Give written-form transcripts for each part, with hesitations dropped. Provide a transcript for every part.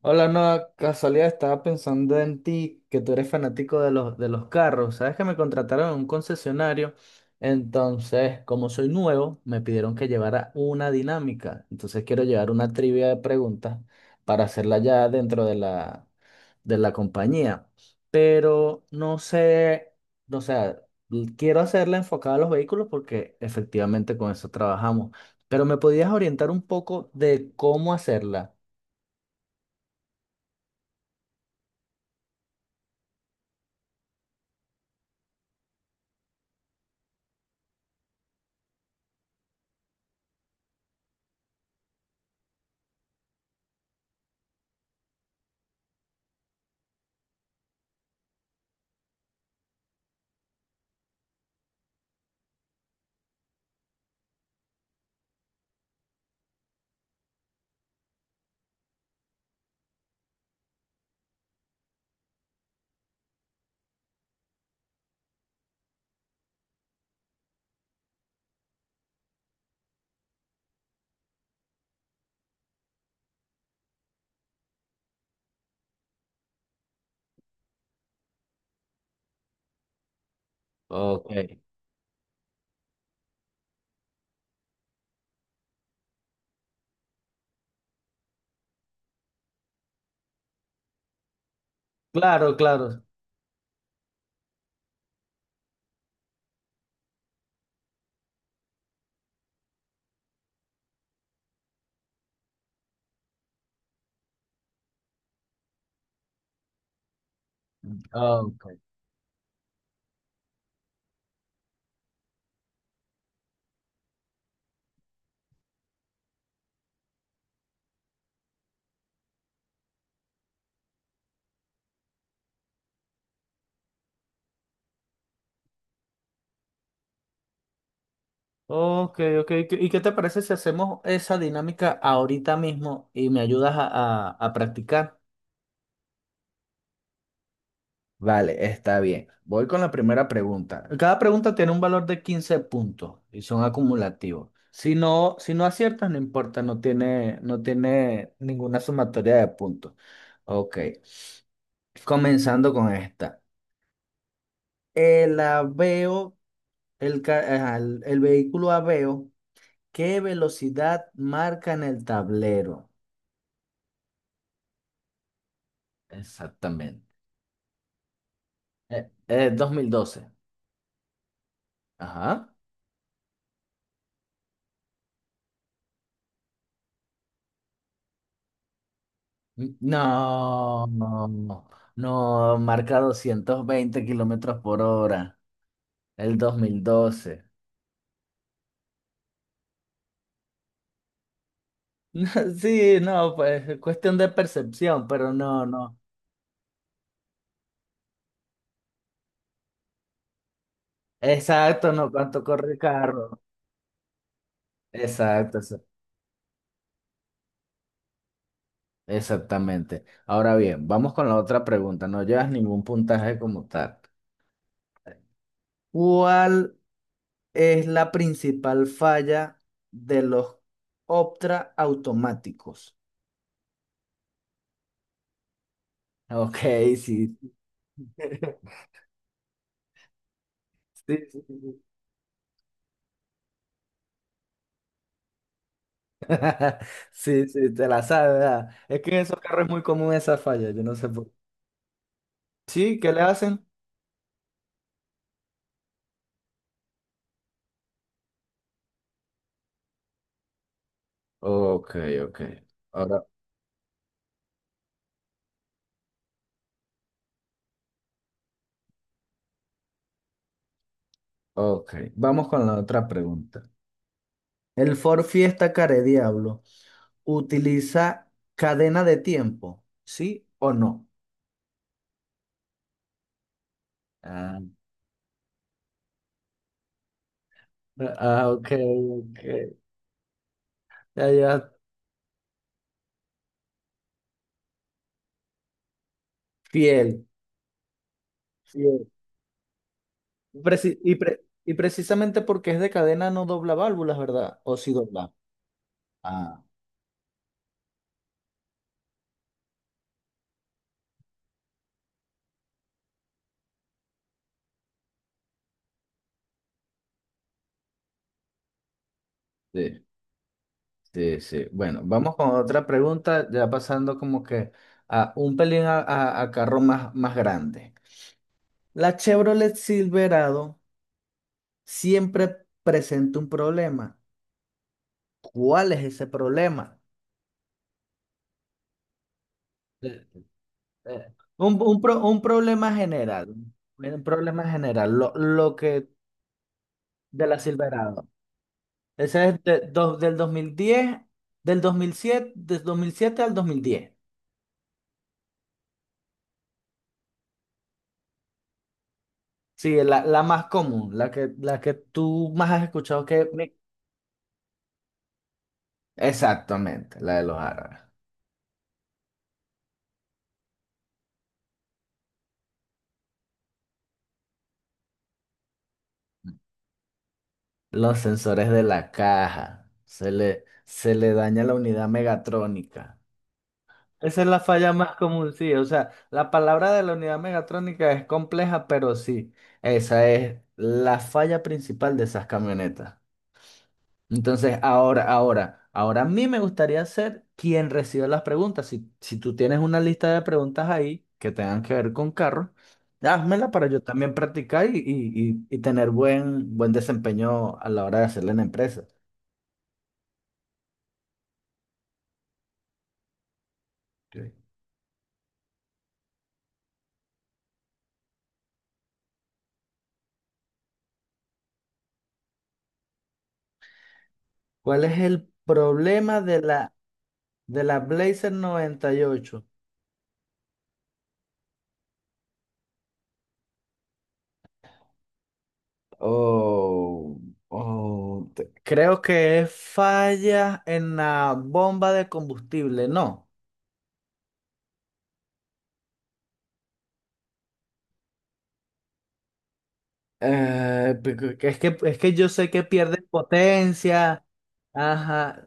Hola, no, casualidad, estaba pensando en ti, que tú eres fanático de los carros. Sabes que me contrataron en un concesionario, entonces, como soy nuevo, me pidieron que llevara una dinámica. Entonces quiero llevar una trivia de preguntas para hacerla ya dentro de la compañía. Pero no sé, no, o sea, quiero hacerla enfocada a los vehículos porque efectivamente con eso trabajamos. Pero me podías orientar un poco de cómo hacerla. Ok. Claro, claro. Ah, ok. Ok, ok. ¿Y qué te parece si hacemos esa dinámica ahorita mismo y me ayudas a, a practicar? Vale, está bien. Voy con la primera pregunta. Cada pregunta tiene un valor de 15 puntos y son acumulativos. Si no, si no aciertas, no importa, no tiene, no tiene ninguna sumatoria de puntos. Ok, comenzando con esta. El aveo, el, ajá, el vehículo aveo. ¿Qué velocidad marca en el tablero? Exactamente. 2012. Ajá. No, no, marca 220 kilómetros por hora. El 2012. Sí, no, pues es cuestión de percepción, pero no, no. Exacto, no, cuánto corre el carro. Exacto, exactamente. Ahora bien, vamos con la otra pregunta. No llevas ningún puntaje como tal. ¿Cuál es la principal falla de los Optra automáticos? Ok, sí. Sí, sí, sí. Sí, sí, te la sabes, ¿verdad? Es que en esos carros es muy común esa falla, yo no sé por qué. Sí, ¿qué le hacen? Ok, ok. Ahora, ok. Vamos con la otra pregunta. El Ford Fiesta Care Diablo utiliza cadena de tiempo, ¿sí o no? Ah, ah, ok, ok. Ya llevas fiel. Sí. Y precisamente porque es de cadena no dobla válvulas, ¿verdad? O sí dobla. Ah, sí, sí, sí. Bueno, vamos con otra pregunta, ya pasando como que a un pelín a, a carro más, más grande. La Chevrolet Silverado siempre presenta un problema. ¿Cuál es ese problema? Eh, Un, un problema general. Un problema general. Lo que de la Silverado. Ese es del 2010 del 2007, del 2007 al 2010. Sí, la más común, la que tú más has escuchado que... Exactamente, la de los árabes. Los sensores de la caja. Se le daña la unidad megatrónica. Esa es la falla más común, sí. O sea, la palabra de la unidad megatrónica es compleja, pero sí, esa es la falla principal de esas camionetas. Entonces, ahora, ahora, ahora a mí me gustaría ser quien recibe las preguntas. Si, si tú tienes una lista de preguntas ahí que tengan que ver con carros, házmela para yo también practicar y, y tener buen, buen desempeño a la hora de hacerla en la empresa. Ok. ¿Cuál es el problema de la Blazer 98? Oh, oh, creo que es falla en la bomba de combustible, ¿no? Porque es que yo sé que pierden potencia. Ajá.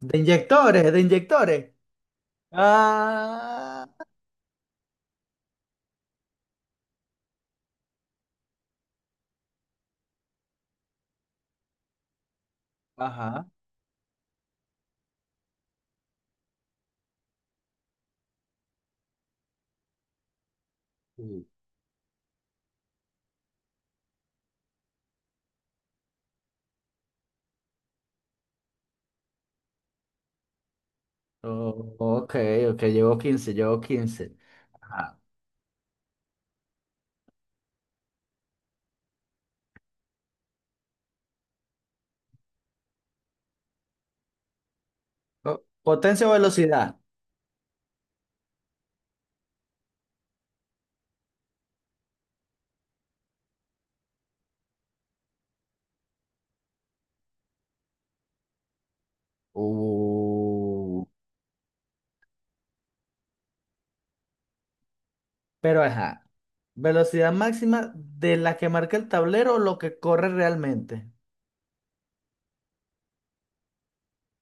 De inyectores, de inyectores. Ah, ajá. Mm. Oh, ok, ok, llevo quince, llevo quince. Ajá. Oh, potencia o velocidad. Uh, pero ajá. Velocidad máxima de la que marca el tablero o lo que corre realmente.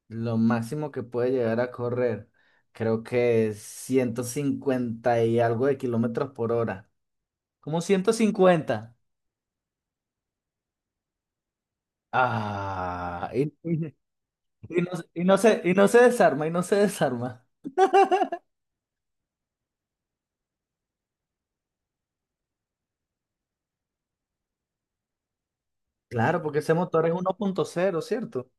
Lo máximo que puede llegar a correr, creo que es 150 y algo de kilómetros por hora. Como 150. Ah, y y y no se desarma, y no se desarma. Claro, porque ese motor es 1.0, ¿cierto?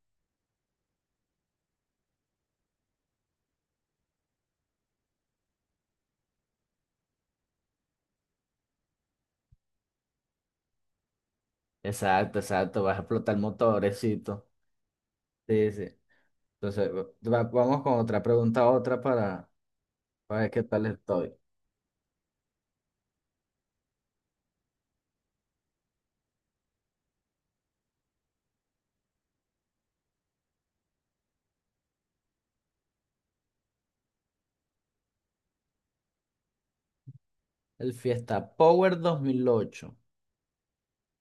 Exacto, exacto, vas a explotar motorecito. Sí, sí. Entonces, vamos con otra pregunta, otra para ver qué tal estoy. El Fiesta Power 2008.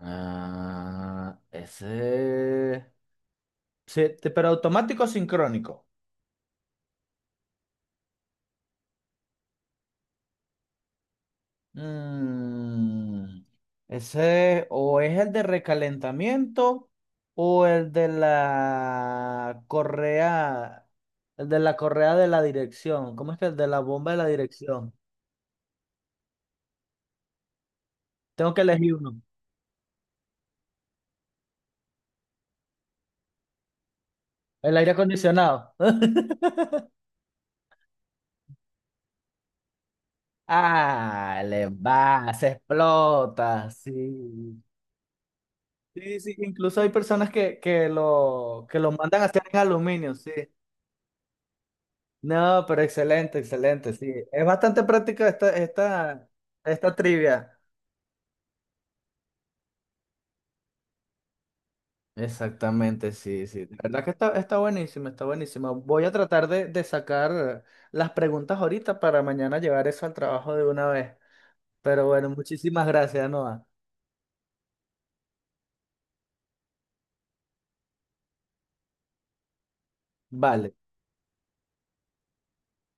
Ah, ese. Sí, pero automático o sincrónico. Mm, ese o es el de recalentamiento o el de la correa, el de la correa de la dirección. ¿Cómo es que el de la bomba de la dirección? Tengo que elegir uno. El aire acondicionado. Ah, le va, se explota, sí. Sí, sí, incluso hay personas que lo mandan a hacer en aluminio, sí. No, pero excelente, excelente, sí. Es bastante práctica esta, esta, esta trivia. Exactamente, sí, sí. La verdad que está, está buenísima, está buenísima. Voy a tratar de sacar las preguntas ahorita para mañana llevar eso al trabajo de una vez. Pero bueno, muchísimas gracias, Noah. Vale.